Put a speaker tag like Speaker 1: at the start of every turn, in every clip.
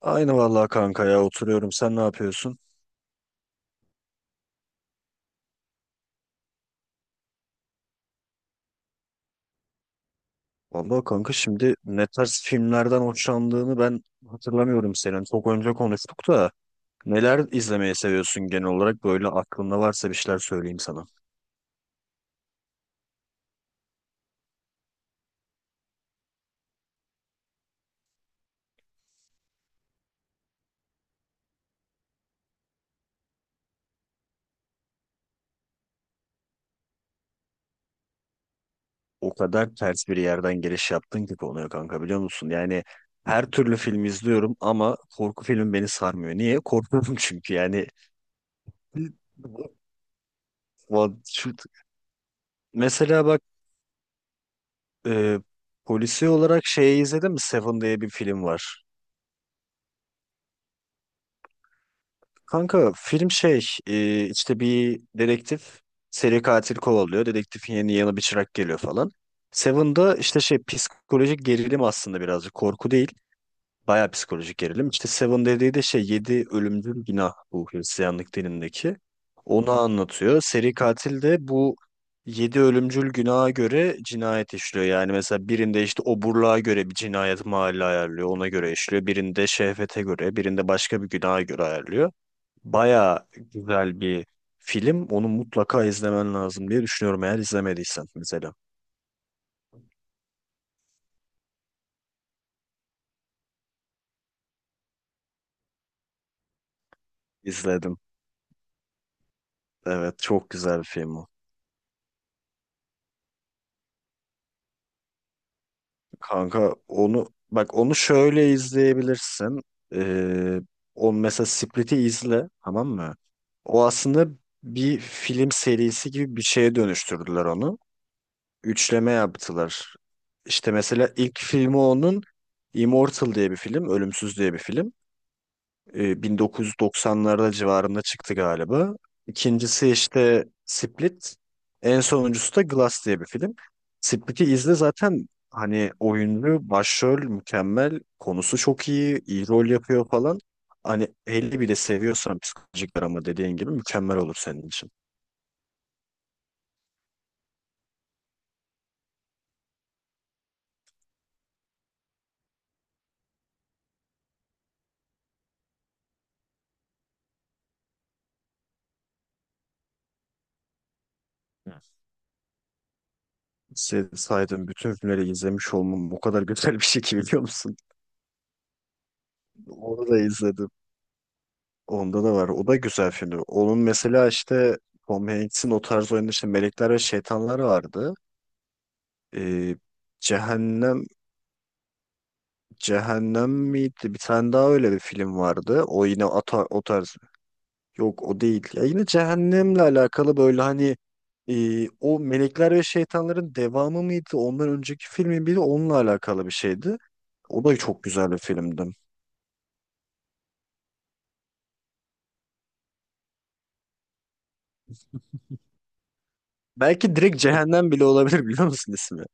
Speaker 1: Aynı vallahi kanka ya oturuyorum. Sen ne yapıyorsun? Vallahi kanka şimdi ne tarz filmlerden hoşlandığını ben hatırlamıyorum senin. Çok önce konuştuk da neler izlemeyi seviyorsun genel olarak? Böyle aklında varsa bir şeyler söyleyeyim sana. O kadar ters bir yerden giriş yaptın ki konuya kanka biliyor musun? Yani her türlü film izliyorum ama korku filmi beni sarmıyor. Niye? Korkuyorum çünkü yani. Va- şu- Mesela bak e, polisi olarak şeyi izledin mi? Seven diye bir film var. Kanka film şey işte bir dedektif seri katil kovalıyor. Dedektifin yeni yanı bir çırak geliyor falan. Seven'da işte şey psikolojik gerilim aslında birazcık korku değil. Bayağı psikolojik gerilim. İşte Seven dediği de şey 7 ölümcül günah bu Hristiyanlık dinindeki. Onu anlatıyor. Seri katil de bu 7 ölümcül günaha göre cinayet işliyor. Yani mesela birinde işte oburluğa göre bir cinayet mahalli ayarlıyor. Ona göre işliyor. Birinde şehvete göre, birinde başka bir günaha göre ayarlıyor. Baya güzel bir film. Onu mutlaka izlemen lazım diye düşünüyorum eğer izlemediysen mesela. İzledim. Evet çok güzel bir film o. Kanka onu bak onu şöyle izleyebilirsin. Ee, O mesela Split'i izle tamam mı? O aslında bir film serisi gibi bir şeye dönüştürdüler onu. Üçleme yaptılar. İşte mesela ilk filmi onun Immortal diye bir film, Ölümsüz diye bir film. 1990'larda civarında çıktı galiba. İkincisi işte Split. En sonuncusu da Glass diye bir film. Split'i izle zaten hani oyunlu, başrol mükemmel, konusu çok iyi, iyi rol yapıyor falan. Hani 50 bile seviyorsan psikolojik drama dediğin gibi mükemmel olur senin için. Saydığım bütün filmleri izlemiş olmam bu kadar güzel bir şey ki biliyor musun? Onu da izledim. Onda da var. O da güzel filmdi. Onun mesela işte Tom Hanks'in o tarz oyunda işte Melekler ve Şeytanlar vardı. Ee, Cehennem Cehennem miydi? Bir tane daha öyle bir film vardı. O yine o tarz. Yok o değil. Ya yine Cehennem'le alakalı böyle hani o Melekler ve Şeytanların devamı mıydı? Ondan önceki filmi miydi? Onunla alakalı bir şeydi. O da çok güzel bir filmdi. Belki direkt Cehennem bile olabilir biliyor musun ismi?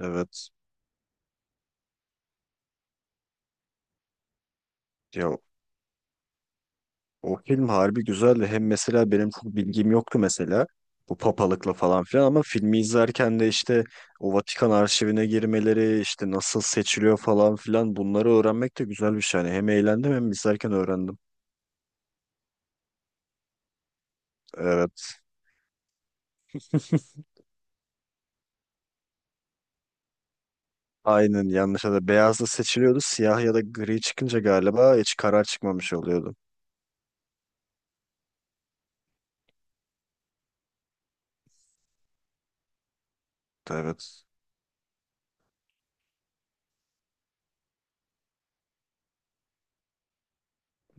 Speaker 1: Evet. Ya o film harbi güzeldi. Hem mesela benim çok bilgim yoktu mesela bu papalıkla falan filan ama filmi izlerken de işte o Vatikan arşivine girmeleri işte nasıl seçiliyor falan filan bunları öğrenmek de güzel bir şey. Yani hem eğlendim hem izlerken öğrendim. Evet. Aynen yanlış da beyazla seçiliyordu. Siyah ya da gri çıkınca galiba hiç karar çıkmamış oluyordu. Evet.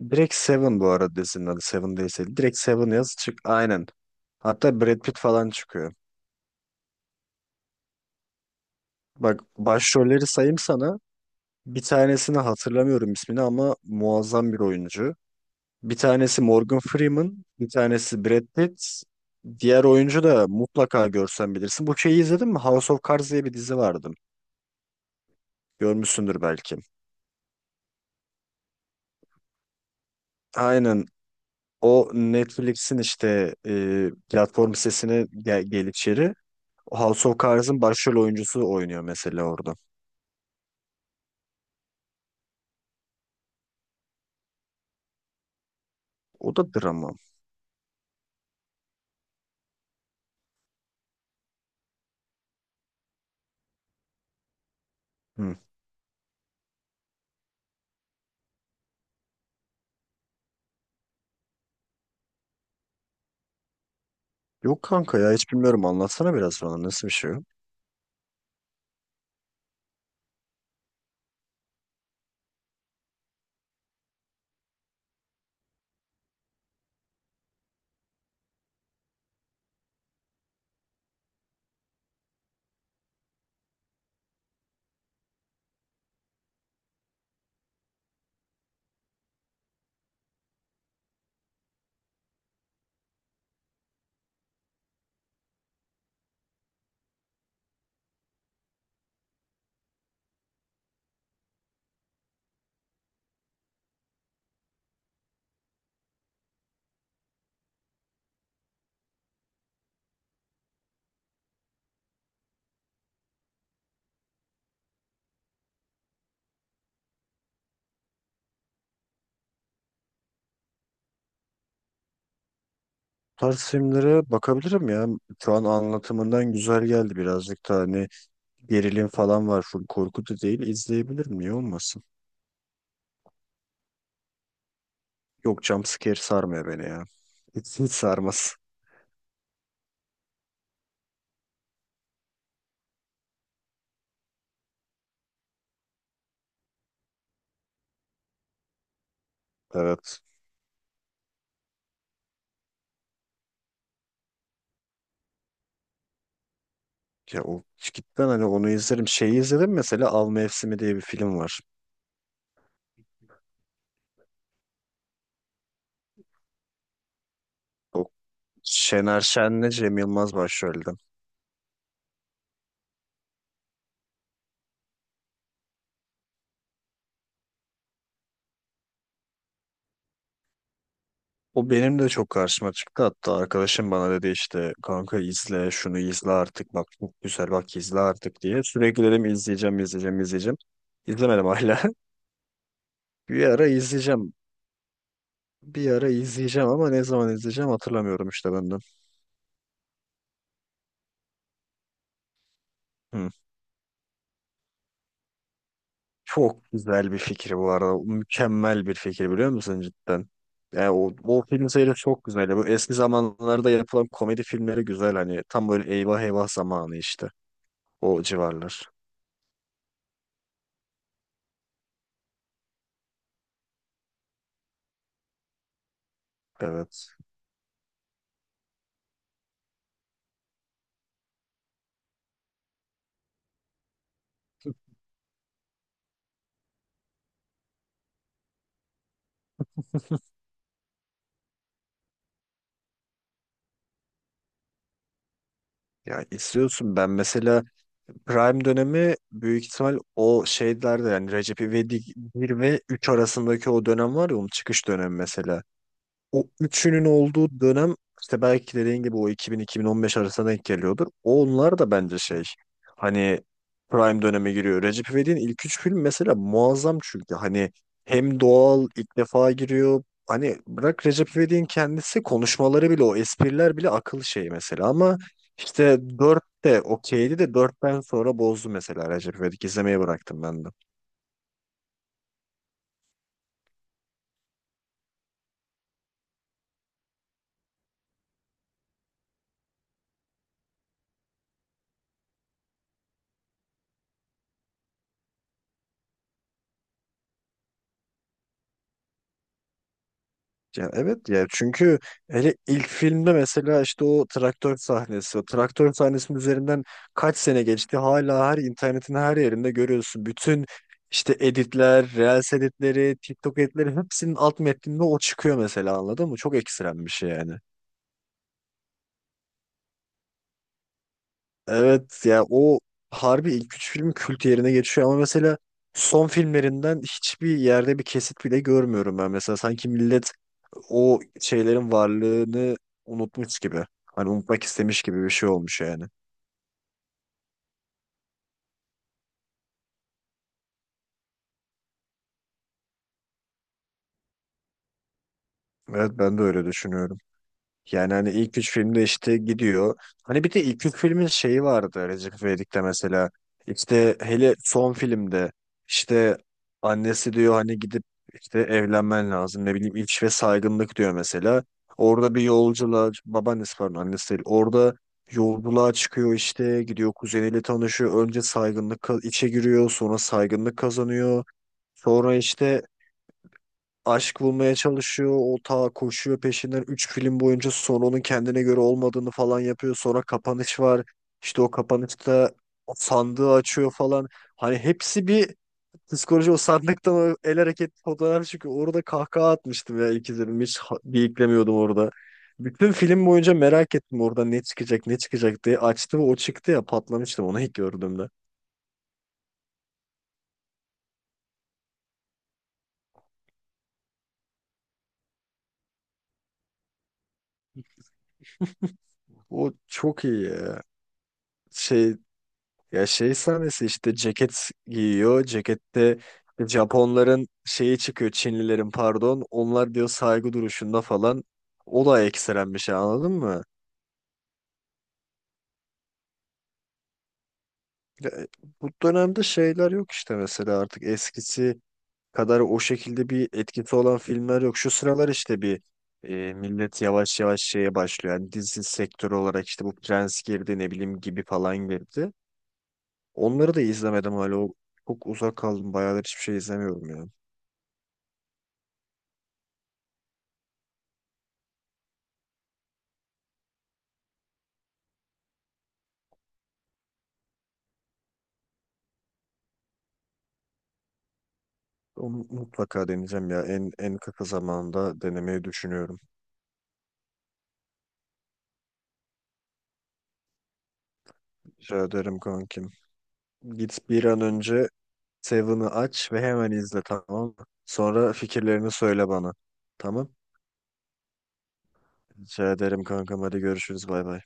Speaker 1: Direkt Seven bu arada dizinin adı. Seven değilse. Direkt Seven yaz çık. Aynen. Hatta Brad Pitt falan çıkıyor. Bak başrolleri sayayım sana. Bir tanesini hatırlamıyorum ismini ama muazzam bir oyuncu. Bir tanesi Morgan Freeman, bir tanesi Brad Pitt. Diğer oyuncu da mutlaka görsen bilirsin. Bu şeyi izledin mi? House of Cards diye bir dizi vardı. Görmüşsündür belki. Aynen. O Netflix'in işte platform sitesine gel, gel içeri. House of Cards'ın başrol oyuncusu oynuyor mesela orada. O da drama. Hı. Yok kanka ya hiç bilmiyorum. Anlatsana biraz bana. Nasıl bir şey o? Tarz filmlere bakabilirim ya. Şu an anlatımından güzel geldi birazcık da hani gerilim falan var. Full korku da değil. İzleyebilirim. Niye olmasın? Yok jumpscare sarmıyor beni ya. Hiç, hiç sarmaz. Evet. Ya o cidden hani onu izlerim. Şeyi izledim mesela Av Mevsimi diye bir film var. O Şener Şen'le Cem Yılmaz başrolde. O benim de çok karşıma çıktı. Hatta arkadaşım bana dedi işte kanka izle şunu izle artık bak çok güzel bak izle artık diye. Sürekli dedim izleyeceğim izleyeceğim izleyeceğim. İzlemedim hala. Bir ara izleyeceğim. Bir ara izleyeceğim ama ne zaman izleyeceğim hatırlamıyorum işte ben de. Hı. Çok güzel bir fikir bu arada. Mükemmel bir fikir biliyor musun cidden? Yani o film serisi çok güzel. Bu eski zamanlarda yapılan komedi filmleri güzel hani tam böyle eyvah eyvah zamanı işte. O civarlar. Evet. Ya izliyorsun ben mesela prime dönemi büyük ihtimal o şeylerde yani Recep İvedik bir ve 3 arasındaki o dönem var ya onun çıkış dönemi mesela o üçünün olduğu dönem işte belki dediğin gibi o 2000-2015 arasına denk geliyordur. Onlar da bence şey hani prime döneme giriyor. Recep İvedik'in ilk üç film mesela muazzam çünkü hani hem doğal ilk defa giriyor. Hani bırak Recep İvedik'in kendisi konuşmaları bile o espriler bile akıl şeyi mesela ama işte 4 de okeydi de dörtten sonra bozdu mesela Recep İvedik izlemeyi bıraktım ben de. Ya evet ya çünkü hele ilk filmde mesela işte o traktör sahnesi, o traktör sahnesinin üzerinden kaç sene geçti hala her internetin her yerinde görüyorsun. Bütün işte editler, Reels editleri, TikTok editleri hepsinin alt metninde o çıkıyor mesela anladın mı? Çok ekstrem bir şey yani. Evet ya o harbi ilk üç filmi kült yerine geçiyor ama mesela son filmlerinden hiçbir yerde bir kesit bile görmüyorum ben. Mesela sanki millet o şeylerin varlığını unutmuş gibi. Hani unutmak istemiş gibi bir şey olmuş yani. Evet ben de öyle düşünüyorum. Yani hani ilk üç filmde işte gidiyor. Hani bir de ilk üç filmin şeyi vardı Recep İvedik'te mesela. İşte hele son filmde işte annesi diyor hani gidip işte evlenmen lazım. Ne bileyim ilç ve saygınlık diyor mesela. Orada bir yolculuğa babaannesi pardon annesi değil. Orada yolculuğa çıkıyor işte gidiyor kuzeniyle tanışıyor. Önce saygınlık içe giriyor sonra saygınlık kazanıyor. Sonra işte aşk bulmaya çalışıyor. O ta koşuyor peşinden 3 film boyunca sonra onun kendine göre olmadığını falan yapıyor. Sonra kapanış var. İşte o kapanışta sandığı açıyor falan. Hani hepsi bir psikoloji o sandıktan o el hareketi fotoğraf çünkü orada kahkaha atmıştım ya ilk izledim. Hiç bıyıklamıyordum orada. Bütün film boyunca merak ettim orada ne çıkacak ne çıkacak diye. Açtı ve o çıktı ya patlamıştım onu ilk gördüğümde. O çok iyi ya. Şey ya şey sahnesi işte ceket giyiyor. Cekette işte Japonların şeyi çıkıyor. Çinlilerin pardon. Onlar diyor saygı duruşunda falan. O da ekstrem bir şey anladın mı? Ya, e, Bu dönemde şeyler yok işte mesela artık eskisi kadar o şekilde bir etkisi olan filmler yok. Şu sıralar işte bir millet yavaş yavaş şeye başlıyor. Yani dizi sektörü olarak işte bu Prens girdi ne bileyim gibi falan girdi. Onları da izlemedim hala. Çok uzak kaldım. Bayağıdır hiçbir şey izlemiyorum ya. Onu mutlaka deneyeceğim ya. En kısa zamanda denemeyi düşünüyorum. Rica ederim kankim. Git bir an önce Seven'ı aç ve hemen izle tamam mı? Sonra fikirlerini söyle bana. Tamam. Rica ederim kankam. Hadi görüşürüz. Bay bay.